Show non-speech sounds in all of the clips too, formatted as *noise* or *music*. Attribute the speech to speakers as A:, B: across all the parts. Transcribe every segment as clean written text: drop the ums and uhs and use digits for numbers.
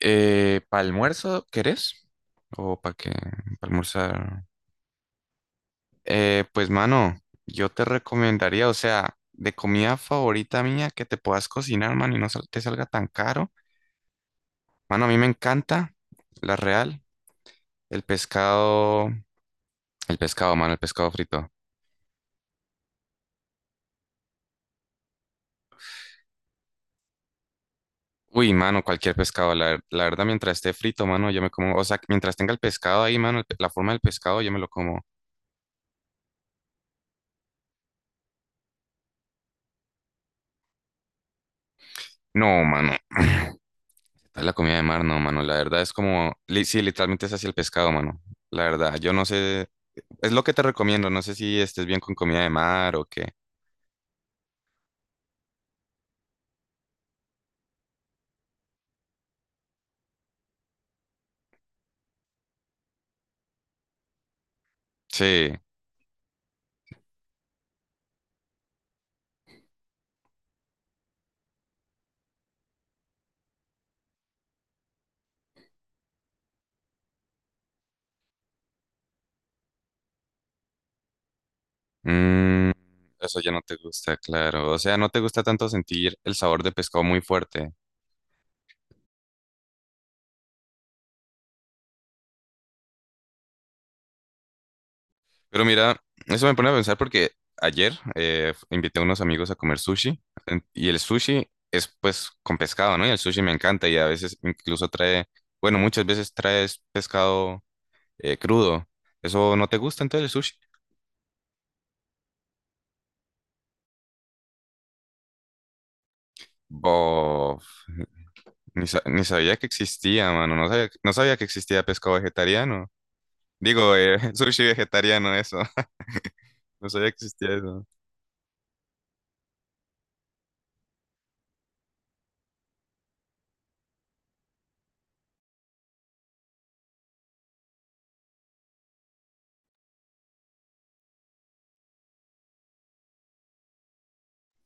A: ¿Para almuerzo querés? ¿O para qué? ¿Para almorzar? Pues mano, yo te recomendaría, o sea, de comida favorita mía que te puedas cocinar, mano, y no te salga tan caro. Mano, a mí me encanta la real, el pescado, mano, el pescado frito. Uy, mano, cualquier pescado, la verdad, mientras esté frito, mano, yo me como, o sea, mientras tenga el pescado ahí, mano, la forma del pescado, yo me lo como. No, mano. Es la comida de mar, no, mano. La verdad es como, sí, literalmente es así el pescado, mano. La verdad, yo no sé, es lo que te recomiendo. No sé si estés bien con comida de mar o qué. Sí, mm, eso ya no te gusta, claro. O sea, no te gusta tanto sentir el sabor de pescado muy fuerte. Pero mira, eso me pone a pensar porque ayer invité a unos amigos a comer sushi y el sushi es pues con pescado, ¿no? Y el sushi me encanta y a veces incluso trae, bueno, muchas veces traes pescado crudo. ¿Eso no te gusta entonces el sushi? Bof, ni sabía que existía, mano. No sabía que existía pescado vegetariano. Digo, *laughs* sushi vegetariano, eso. *laughs* No sabía que existía eso.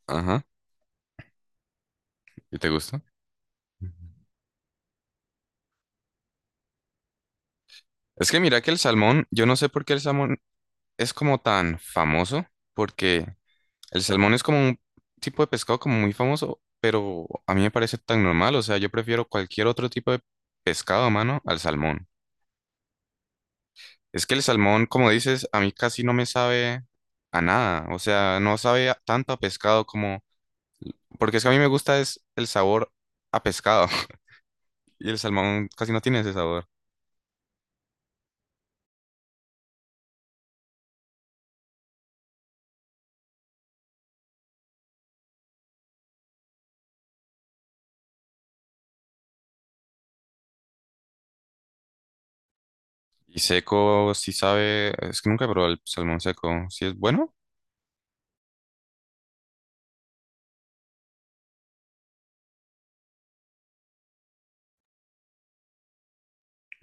A: Ajá. ¿Y te gusta? Es que mira que el salmón, yo no sé por qué el salmón es como tan famoso, porque el salmón es como un tipo de pescado como muy famoso, pero a mí me parece tan normal, o sea, yo prefiero cualquier otro tipo de pescado a mano al salmón. Es que el salmón, como dices, a mí casi no me sabe a nada, o sea, no sabe tanto a pescado como, porque es que a mí me gusta es el sabor a pescado *laughs* y el salmón casi no tiene ese sabor. Y seco sí sabe, es que nunca he probado el salmón seco, ¿sí es bueno?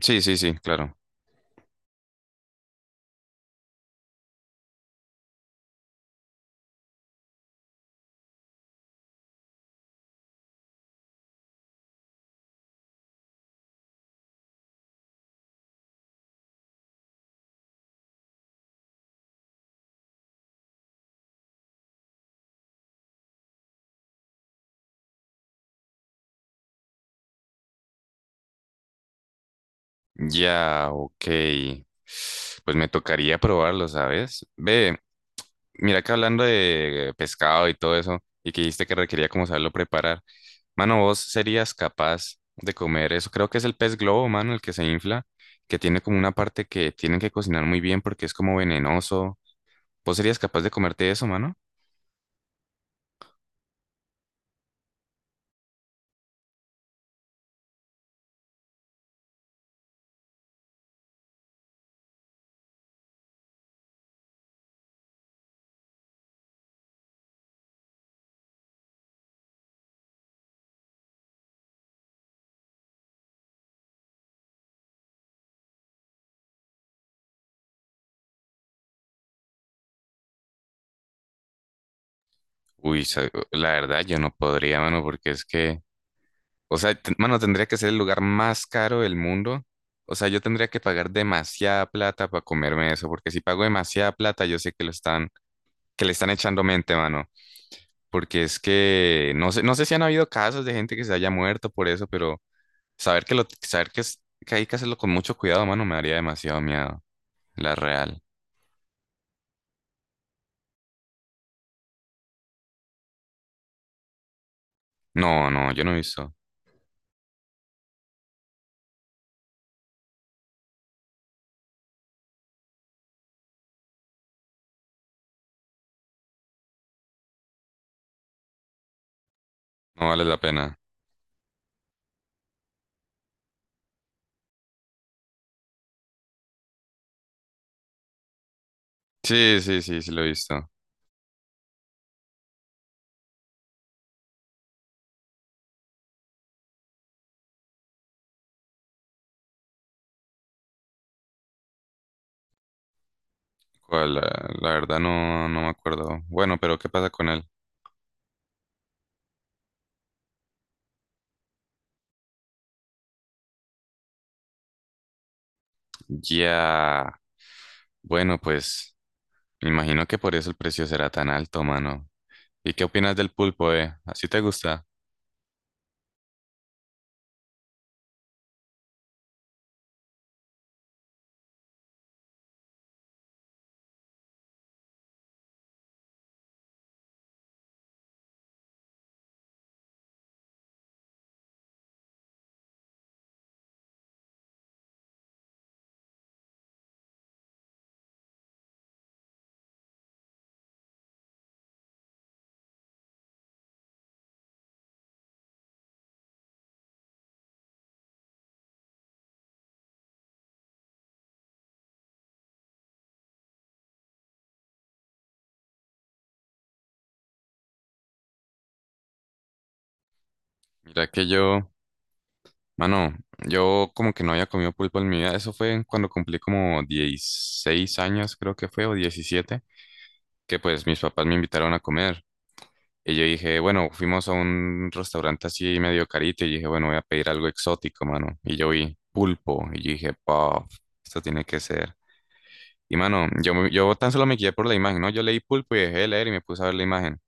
A: Sí, sí, sí, claro. Ya, ok. Pues me tocaría probarlo, ¿sabes? Ve, mira que hablando de pescado y todo eso, y que dijiste que requería como saberlo preparar. Mano, vos serías capaz de comer eso. Creo que es el pez globo, mano, el que se infla, que tiene como una parte que tienen que cocinar muy bien porque es como venenoso. ¿Vos serías capaz de comerte eso, mano? Uy, la verdad, yo no podría, mano, porque es que. O sea, mano, tendría que ser el lugar más caro del mundo. O sea, yo tendría que pagar demasiada plata para comerme eso, porque si pago demasiada plata, yo sé que que le están echando mente, mano. Porque es que no sé si han habido casos de gente que se haya muerto por eso, pero saber que, que hay que hacerlo con mucho cuidado, mano, me daría demasiado miedo. La real. No, no, yo no he visto. No vale la pena. Sí, sí, sí, sí lo he visto. ¿Cuál? La verdad no, no me acuerdo. Bueno, pero ¿qué pasa con él? Ya. Bueno, pues me imagino que por eso el precio será tan alto, mano. ¿Y qué opinas del pulpo, eh? ¿Así te gusta? Mira que yo, mano, yo como que no había comido pulpo en mi vida. Eso fue cuando cumplí como 16 años, creo que fue, o 17, que pues mis papás me invitaron a comer. Y yo dije, bueno, fuimos a un restaurante así medio carito y dije, bueno, voy a pedir algo exótico, mano. Y yo vi pulpo y yo dije, paf, esto tiene que ser. Y mano, yo tan solo me guié por la imagen, ¿no? Yo leí pulpo y dejé de leer y me puse a ver la imagen.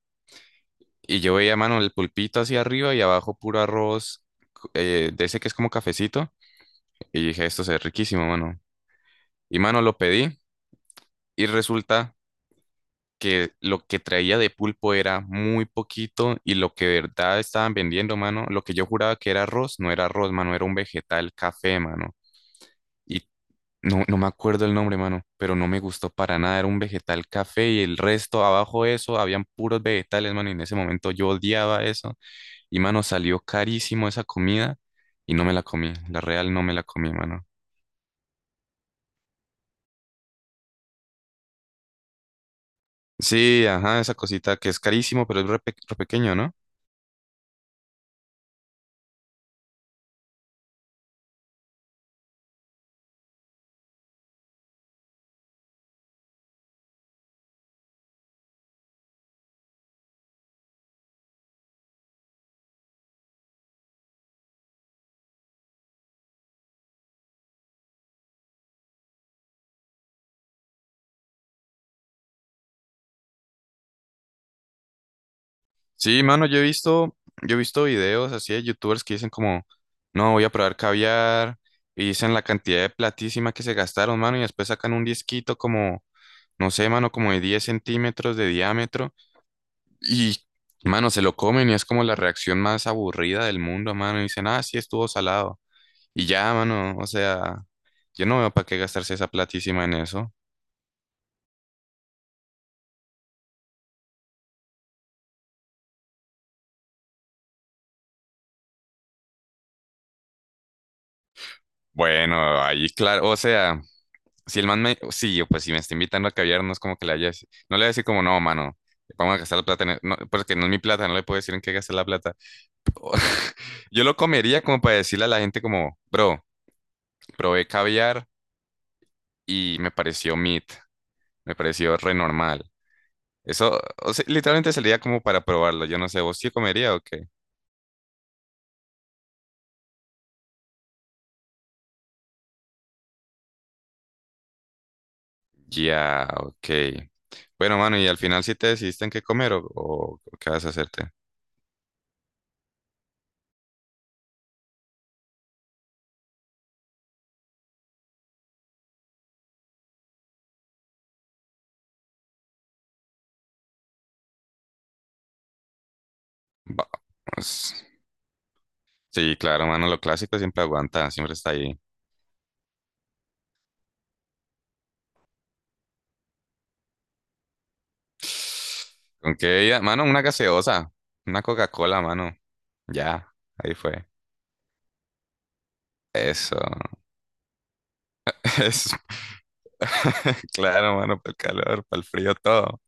A: Y yo veía, mano, el pulpito hacia arriba y abajo puro arroz de ese que es como cafecito. Y dije, esto se ve riquísimo, mano. Y mano, lo pedí y resulta que lo que traía de pulpo era muy poquito y lo que de verdad estaban vendiendo, mano, lo que yo juraba que era arroz, no era arroz, mano, era un vegetal café, mano. Y no, no me acuerdo el nombre, mano, pero no me gustó para nada. Era un vegetal café y el resto, abajo de eso, habían puros vegetales, mano. Y en ese momento yo odiaba eso. Y, mano, salió carísimo esa comida y no me la comí. La real no me la comí, mano. Sí, ajá, esa cosita que es carísimo, pero es re, re pequeño, ¿no? Sí, mano, yo he visto videos así de youtubers que dicen como, no, voy a probar caviar. Y dicen la cantidad de platísima que se gastaron, mano, y después sacan un disquito como no sé, mano, como de 10 centímetros de diámetro y, mano, se lo comen y es como la reacción más aburrida del mundo, mano. Y dicen, ah, sí, estuvo salado. Y ya, mano, o sea, yo no veo para qué gastarse esa platísima en eso. Bueno, ahí, claro, o sea, si el man me, sí, yo, pues si me está invitando a caviar, no es como que le haya, no le voy a decir como, no, mano. Vamos a gastar la plata en e-". No, porque no es mi plata, no le puedo decir en qué gastar la plata. *laughs* Yo lo comería como para decirle a la gente como, bro, probé caviar y me pareció meat. Me pareció re normal. Eso, o sea, literalmente salía como para probarlo. Yo no sé, ¿vos sí comería o qué? Ya, ok. Bueno, mano, y al final sí te decidiste en qué comer o qué vas a hacerte. Vamos. Sí, claro, mano, lo clásico siempre aguanta, siempre está ahí. ¿Con qué bebida? Mano, una gaseosa, una Coca-Cola, mano. Ya, ahí fue. Eso. *laughs* Eso. *laughs* Claro, mano, para el calor, para el frío, todo.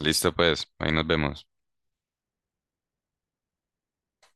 A: Listo, pues, ahí nos vemos.